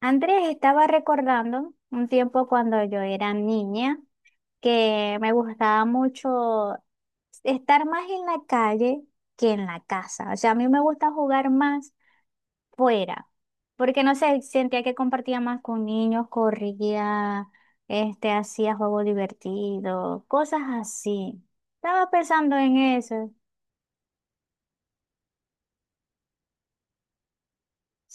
Andrés estaba recordando un tiempo cuando yo era niña que me gustaba mucho estar más en la calle que en la casa. O sea, a mí me gusta jugar más fuera, porque no sé, sentía que compartía más con niños, corría, hacía juegos divertidos, cosas así. Estaba pensando en eso.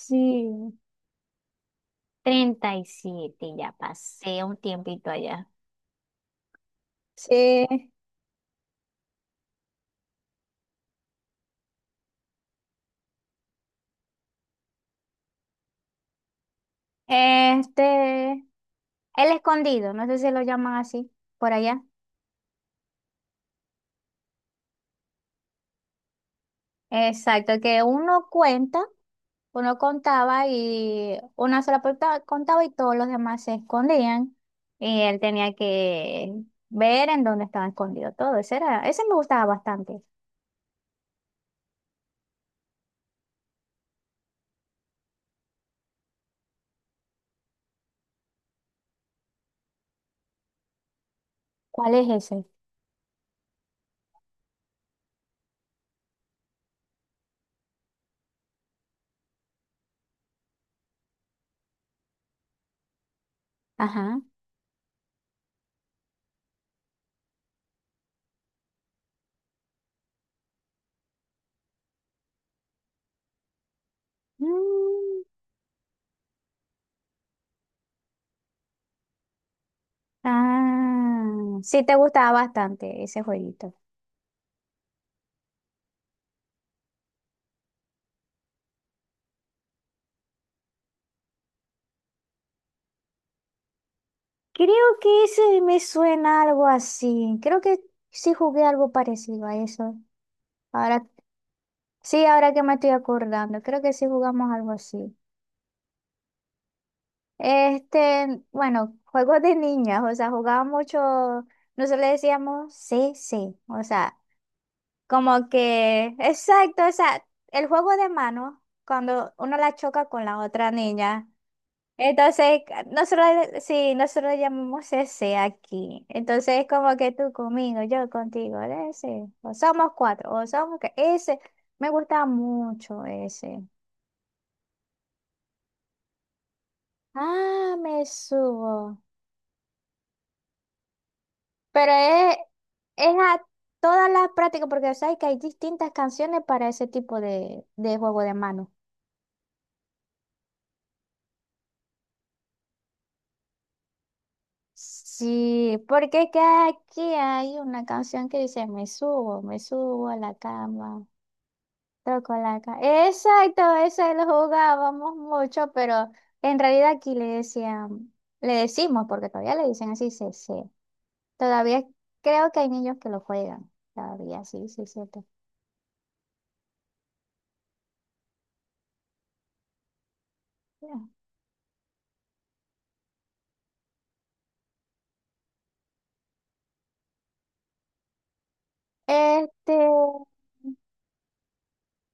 Sí, 37, ya pasé un tiempito allá. Sí. El escondido, no sé si lo llaman así por allá. Exacto, que uno contaba y una sola persona contaba y todos los demás se escondían y él tenía que ver en dónde estaba escondido todo. Ese me gustaba bastante. ¿Cuál es ese? Ajá. Mm, ah, sí, te gustaba bastante ese jueguito. Creo que ese me suena algo así. Creo que sí jugué algo parecido a eso. Ahora, sí, ahora que me estoy acordando, creo que sí jugamos algo así. Bueno, juegos de niñas, o sea, jugábamos mucho, nosotros le decíamos sí, sí, o sea, como que, exacto, o sea, el juego de mano, cuando uno la choca con la otra niña. Entonces, nosotros, sí, nosotros le llamamos ese aquí. Entonces, es como que tú conmigo, yo contigo, de ese. O somos cuatro, o somos que ese. Me gusta mucho ese. Ah, me subo. Pero es a todas las prácticas, porque sabes que hay distintas canciones para ese tipo de juego de mano. Sí, porque es que aquí hay una canción que dice, me subo a la cama. Tocolaca. Exacto, ese lo jugábamos mucho, pero en realidad aquí le decían, le decimos, porque todavía le dicen así, CC. Todavía creo que hay niños que lo juegan. Todavía, sí, sí, cierto. Ya. Este,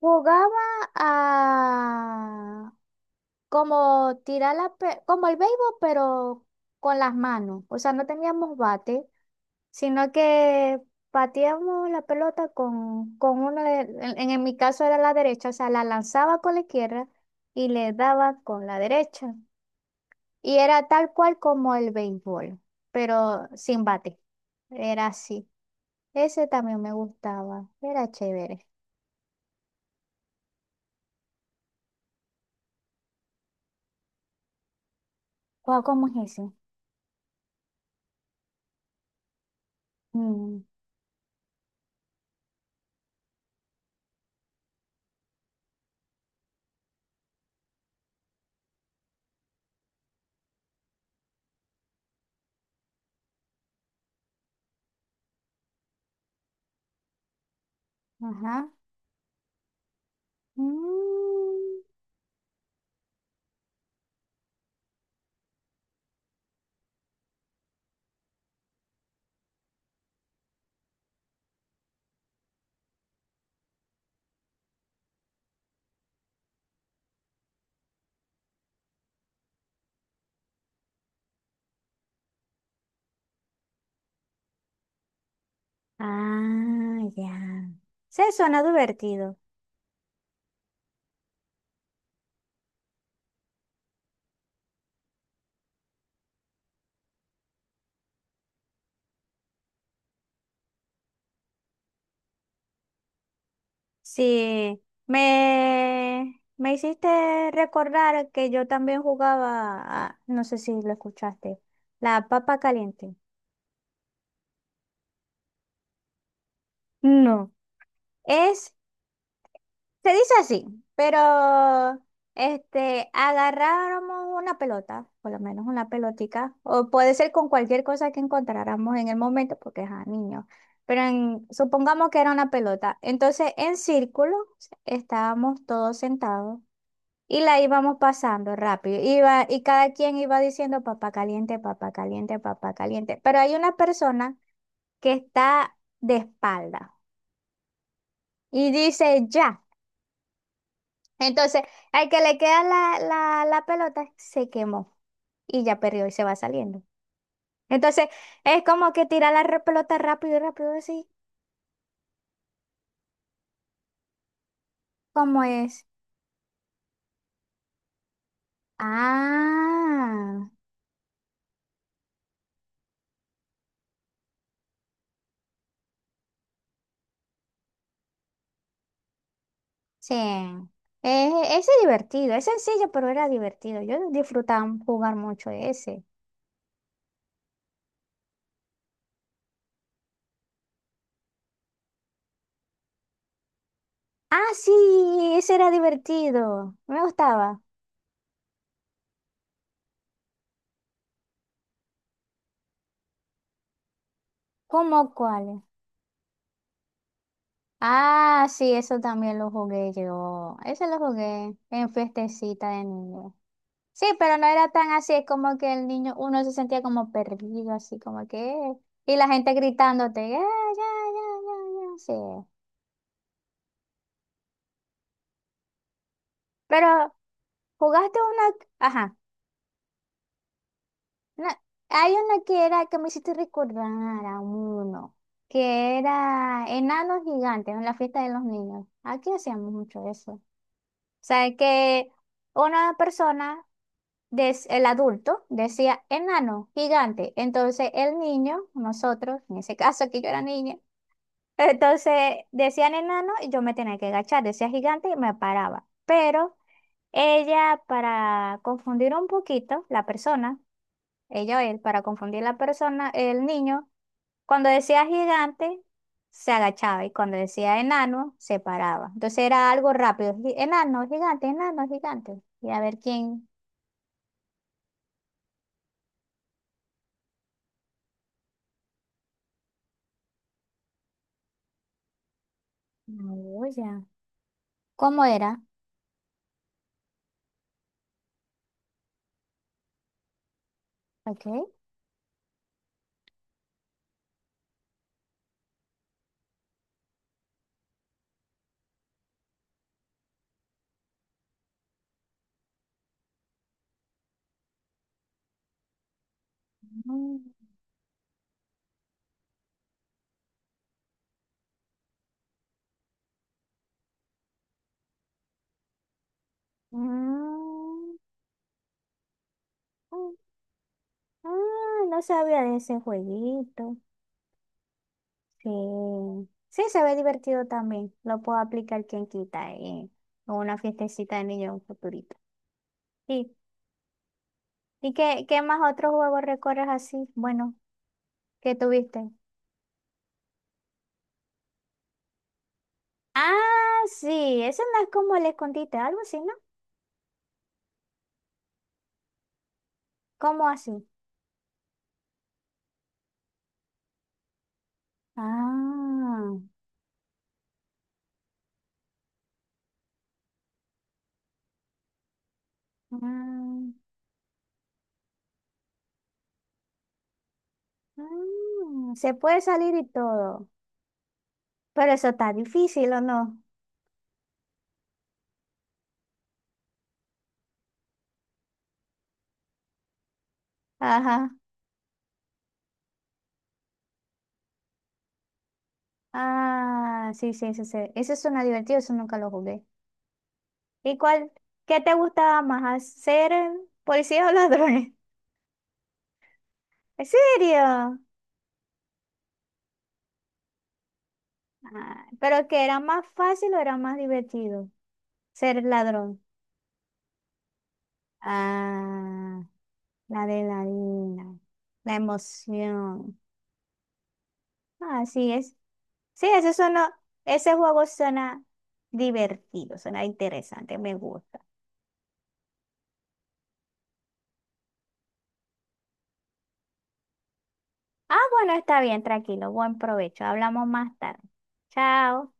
jugaba a, como tirar como el béisbol, pero con las manos. O sea, no teníamos bate, sino que pateamos la pelota con en mi caso era la derecha, o sea, la lanzaba con la izquierda y le daba con la derecha. Y era tal cual como el béisbol, pero sin bate. Era así. Ese también me gustaba. Era chévere. Guau, ¿cómo es ese? Mm, ajá. Mm. Ah, ya. Sí, suena divertido. Sí, me hiciste recordar que yo también jugaba, no sé si lo escuchaste, la papa caliente. No, es se dice así, pero agarráramos una pelota, por lo menos una pelotica, o puede ser con cualquier cosa que encontráramos en el momento, porque es a niño. Pero supongamos que era una pelota. Entonces, en círculo estábamos todos sentados y la íbamos pasando rápido. Y cada quien iba diciendo papá caliente, papá caliente, papá caliente. Pero hay una persona que está de espalda y dice ya. Entonces, al que le queda la pelota, se quemó y ya perdió y se va saliendo. Entonces, es como que tira pelota rápido, rápido, así como es. Ah, sí. Ese es divertido, es sencillo, pero era divertido. Yo disfrutaba jugar mucho ese. Ah, sí, ese era divertido. Me gustaba. ¿Cómo cuál? Ah, sí, eso también lo jugué yo. Ese lo jugué en fiestecita de niño. Sí, pero no era tan así, es como que el niño, uno se sentía como perdido, así como que, y la gente gritándote, "Ya, ya, ya, ya, ya", sí. Pero jugaste una, ajá, una- hay una que era, que me hiciste recordar a uno, que era enanos gigantes en la fiesta de los niños. Aquí hacíamos mucho eso. O sea, que una persona el adulto decía enano, gigante. Entonces el niño, nosotros, en ese caso que yo era niña, entonces decían enano y yo me tenía que agachar, decía gigante y me paraba. Pero ella, para confundir un poquito la persona, ella o él, para confundir la persona, el niño, cuando decía gigante, se agachaba y cuando decía enano, se paraba. Entonces era algo rápido, enano, gigante, enano, gigante. Y a ver quién... No, ya. ¿Cómo era? Ok. Mm, mm, mm, ah, no sabía de ese jueguito. Sí. Sí, se ve divertido también. Lo puedo aplicar, quien quita, o una fiestecita de niños en un futurito. Sí. ¿Y qué más otros juegos recorres así? Bueno, ¿qué tuviste? Ah, sí. Eso no es como el escondite, algo así, ¿no? ¿Cómo así? Ah, ah, ah, se puede salir y todo. Pero eso está difícil, ¿o no? Ajá. Ah, sí, sí, sí, sí. Eso suena divertido, eso nunca lo jugué. ¿Y cuál? ¿Qué te gustaba más? ¿Hacer policías o ladrones? ¿En serio? Ah, ¿pero que era más fácil o era más divertido ser ladrón? Ah, la adrenalina, la emoción. Ah, sí, es. Sí, eso suena, ese juego suena divertido, suena interesante, me gusta. Ah, bueno, está bien, tranquilo. Buen provecho. Hablamos más tarde. Chao.